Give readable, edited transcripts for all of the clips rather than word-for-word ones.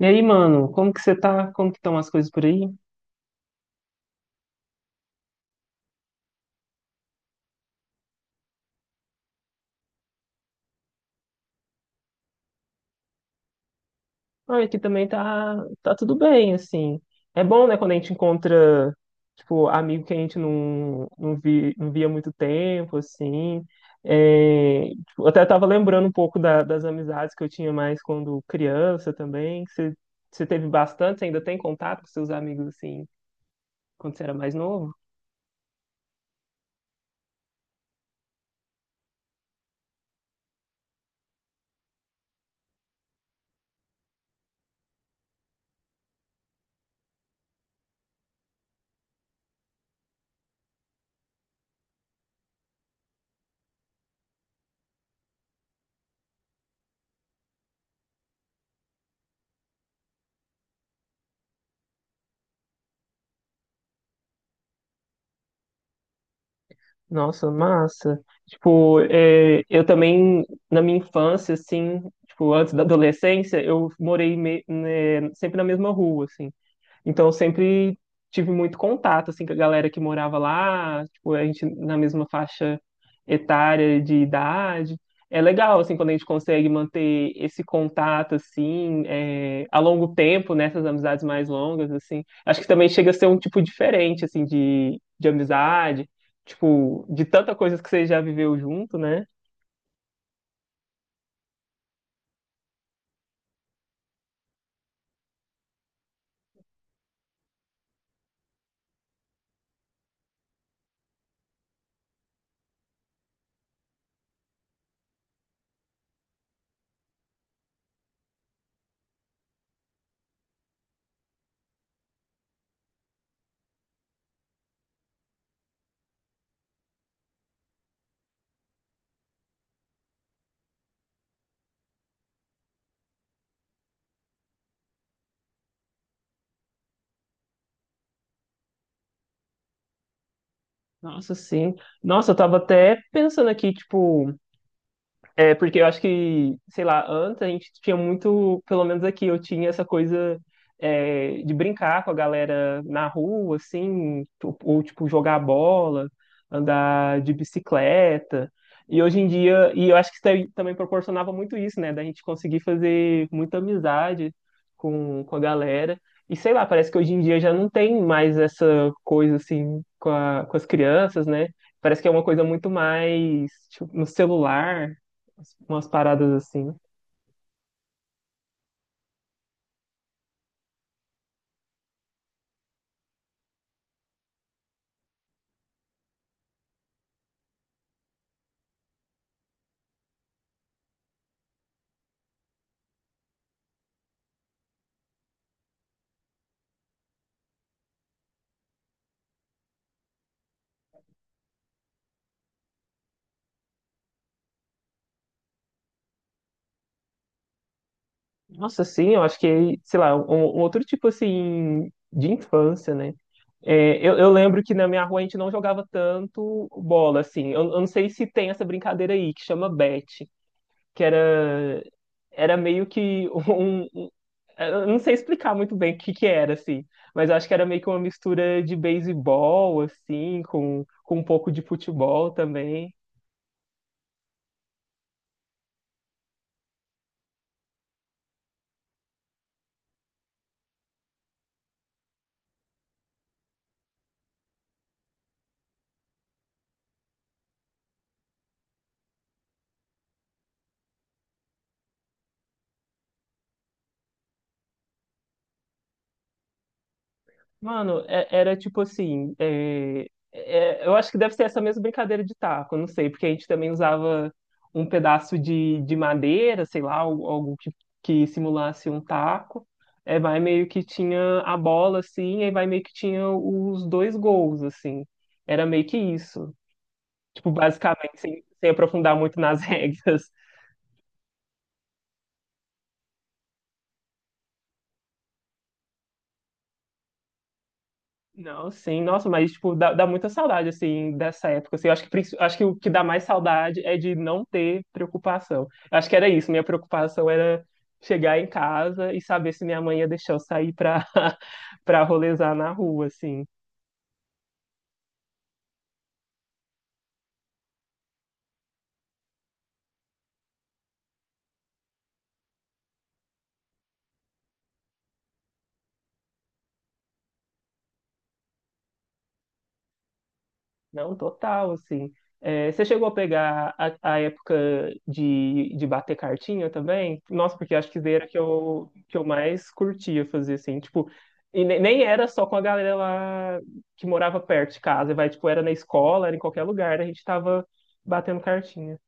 E aí, mano, como que você tá? Como que estão as coisas por aí? Ah, aqui também tá, tá tudo bem, assim. É bom, né, quando a gente encontra, tipo, amigo que a gente não via há muito tempo, assim. É, tipo, eu até tava lembrando um pouco das amizades que eu tinha mais quando criança também. Você teve bastante? Você ainda tem contato com seus amigos, assim, quando você era mais novo? Nossa, massa. Tipo, é, eu também, na minha infância, assim, tipo, antes da adolescência, eu né, sempre na mesma rua, assim. Então eu sempre tive muito contato assim com a galera que morava lá, tipo, a gente na mesma faixa etária de idade. É legal assim quando a gente consegue manter esse contato assim é, a longo tempo nessas amizades mais longas assim. Acho que também chega a ser um tipo diferente assim de amizade, tipo, de tanta coisa que você já viveu junto, né? Nossa, sim. Nossa, eu tava até pensando aqui, tipo, é, porque eu acho que, sei lá, antes a gente tinha muito, pelo menos aqui, eu tinha essa coisa é, de brincar com a galera na rua, assim, ou, tipo, jogar bola, andar de bicicleta. E hoje em dia, e eu acho que isso daí também proporcionava muito isso, né? Da gente conseguir fazer muita amizade com a galera. E sei lá, parece que hoje em dia já não tem mais essa coisa, assim, com com as crianças, né? Parece que é uma coisa muito mais, tipo, no celular umas paradas assim. Nossa, sim, eu acho que, sei lá, um outro tipo assim de infância, né? É, eu lembro que na minha rua a gente não jogava tanto bola, assim. Eu não sei se tem essa brincadeira aí, que chama bet, que era, era meio que eu não sei explicar muito bem o que que era, assim. Mas eu acho que era meio que uma mistura de beisebol, assim, com um pouco de futebol também. Mano, era tipo assim. Eu acho que deve ser essa mesma brincadeira de taco, eu não sei, porque a gente também usava um pedaço de madeira, sei lá, algo que simulasse um taco. É, vai meio que tinha a bola, assim, e vai meio que tinha os dois gols, assim. Era meio que isso. Tipo, basicamente, sem aprofundar muito nas regras. Não, sim, nossa, mas tipo, dá muita saudade assim dessa época. Assim, eu acho que acho que o que dá mais saudade é de não ter preocupação. Eu acho que era isso, minha preocupação era chegar em casa e saber se minha mãe ia deixar eu sair pra para rolezar na rua assim. Não, total, assim. É, você chegou a pegar a época de bater cartinha também? Nossa, porque acho que era que eu mais curtia fazer, assim, tipo, e nem era só com a galera lá que morava perto de casa, vai, tipo, era na escola, era em qualquer lugar, a gente tava batendo cartinha.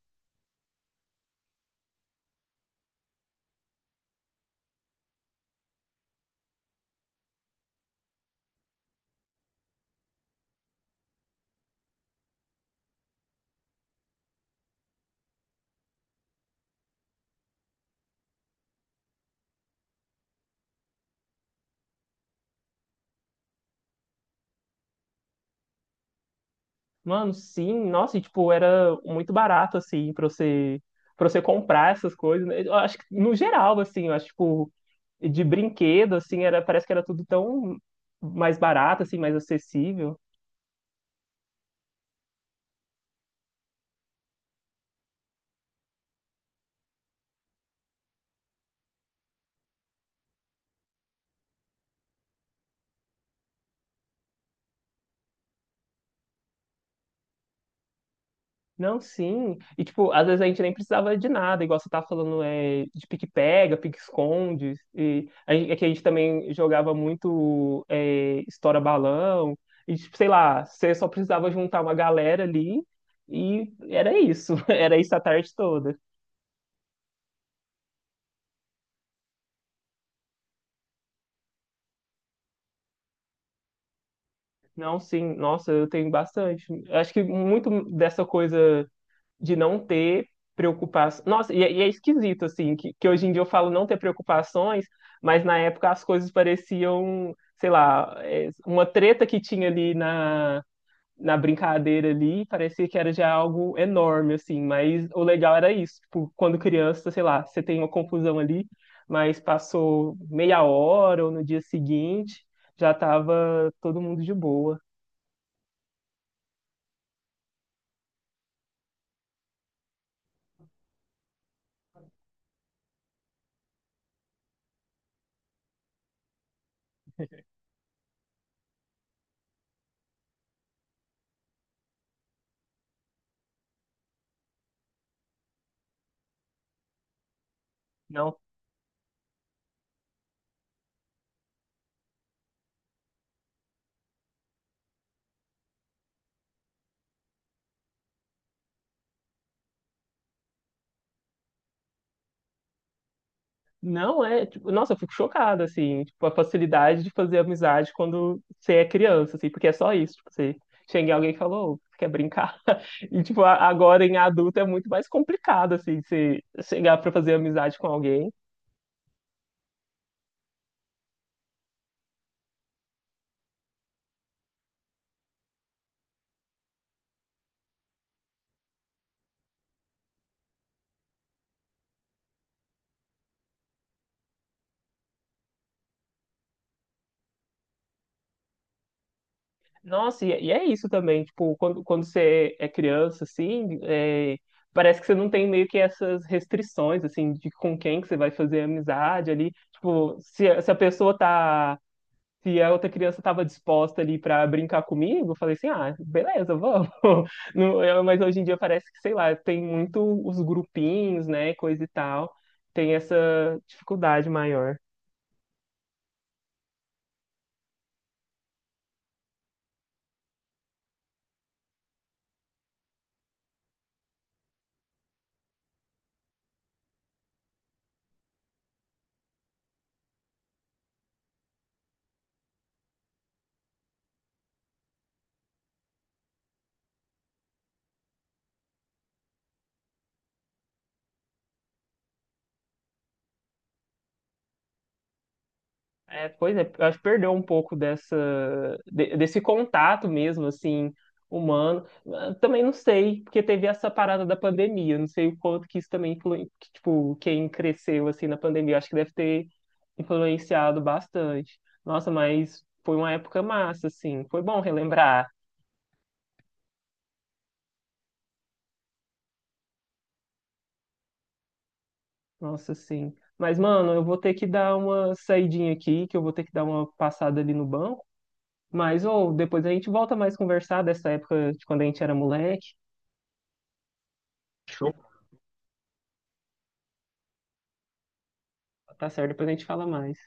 Mano, sim, nossa, e, tipo, era muito barato, assim, pra você comprar essas coisas, né? Eu acho que, no geral, assim, eu acho, tipo, de brinquedo, assim, era, parece que era tudo tão mais barato, assim, mais acessível. Não, sim. E, tipo, às vezes a gente nem precisava de nada, igual você tava falando, é, de pique-pega, pique-esconde. E a gente, é que a gente também jogava muito é, estoura-balão. E, tipo, sei lá, você só precisava juntar uma galera ali e era isso. Era isso a tarde toda. Não, sim. Nossa, eu tenho bastante. Acho que muito dessa coisa de não ter preocupações. Nossa, e é esquisito, assim, que hoje em dia eu falo não ter preocupações, mas na época as coisas pareciam, sei lá, é, uma treta que tinha ali na, na brincadeira ali, parecia que era já algo enorme, assim, mas o legal era isso, tipo, quando criança, sei lá, você tem uma confusão ali, mas passou meia hora ou no dia seguinte, já tava todo mundo de boa. Não, não é, tipo, nossa, eu fico chocada, assim, tipo, a facilidade de fazer amizade quando você é criança, assim, porque é só isso, tipo, você chega em alguém e fala, ô, você quer brincar? E, tipo, agora em adulto é muito mais complicado, assim, você chegar pra fazer amizade com alguém. Nossa, e é isso também, tipo, quando você é criança, assim, é, parece que você não tem meio que essas restrições, assim, de com quem que você vai fazer amizade ali, tipo, se a pessoa tá se a outra criança estava disposta ali para brincar comigo, eu falei assim, ah, beleza, vamos. Não, eu- Mas hoje em dia parece que, sei lá, tem muito os grupinhos, né, coisa e tal, tem essa dificuldade maior. É, pois é, eu acho que perdeu um pouco dessa, desse contato mesmo, assim, humano. Ah, também não sei, porque teve essa parada da pandemia, não sei o quanto que isso também que, tipo, quem cresceu, assim, na pandemia, eu acho que deve ter influenciado bastante. Nossa, mas foi uma época massa, assim, foi bom relembrar, nossa, sim. Mas, mano, eu vou ter que dar uma saidinha aqui, que eu vou ter que dar uma passada ali no banco, mas, ou, depois a gente volta mais conversar dessa época de quando a gente era moleque. Tá certo, depois a gente fala mais.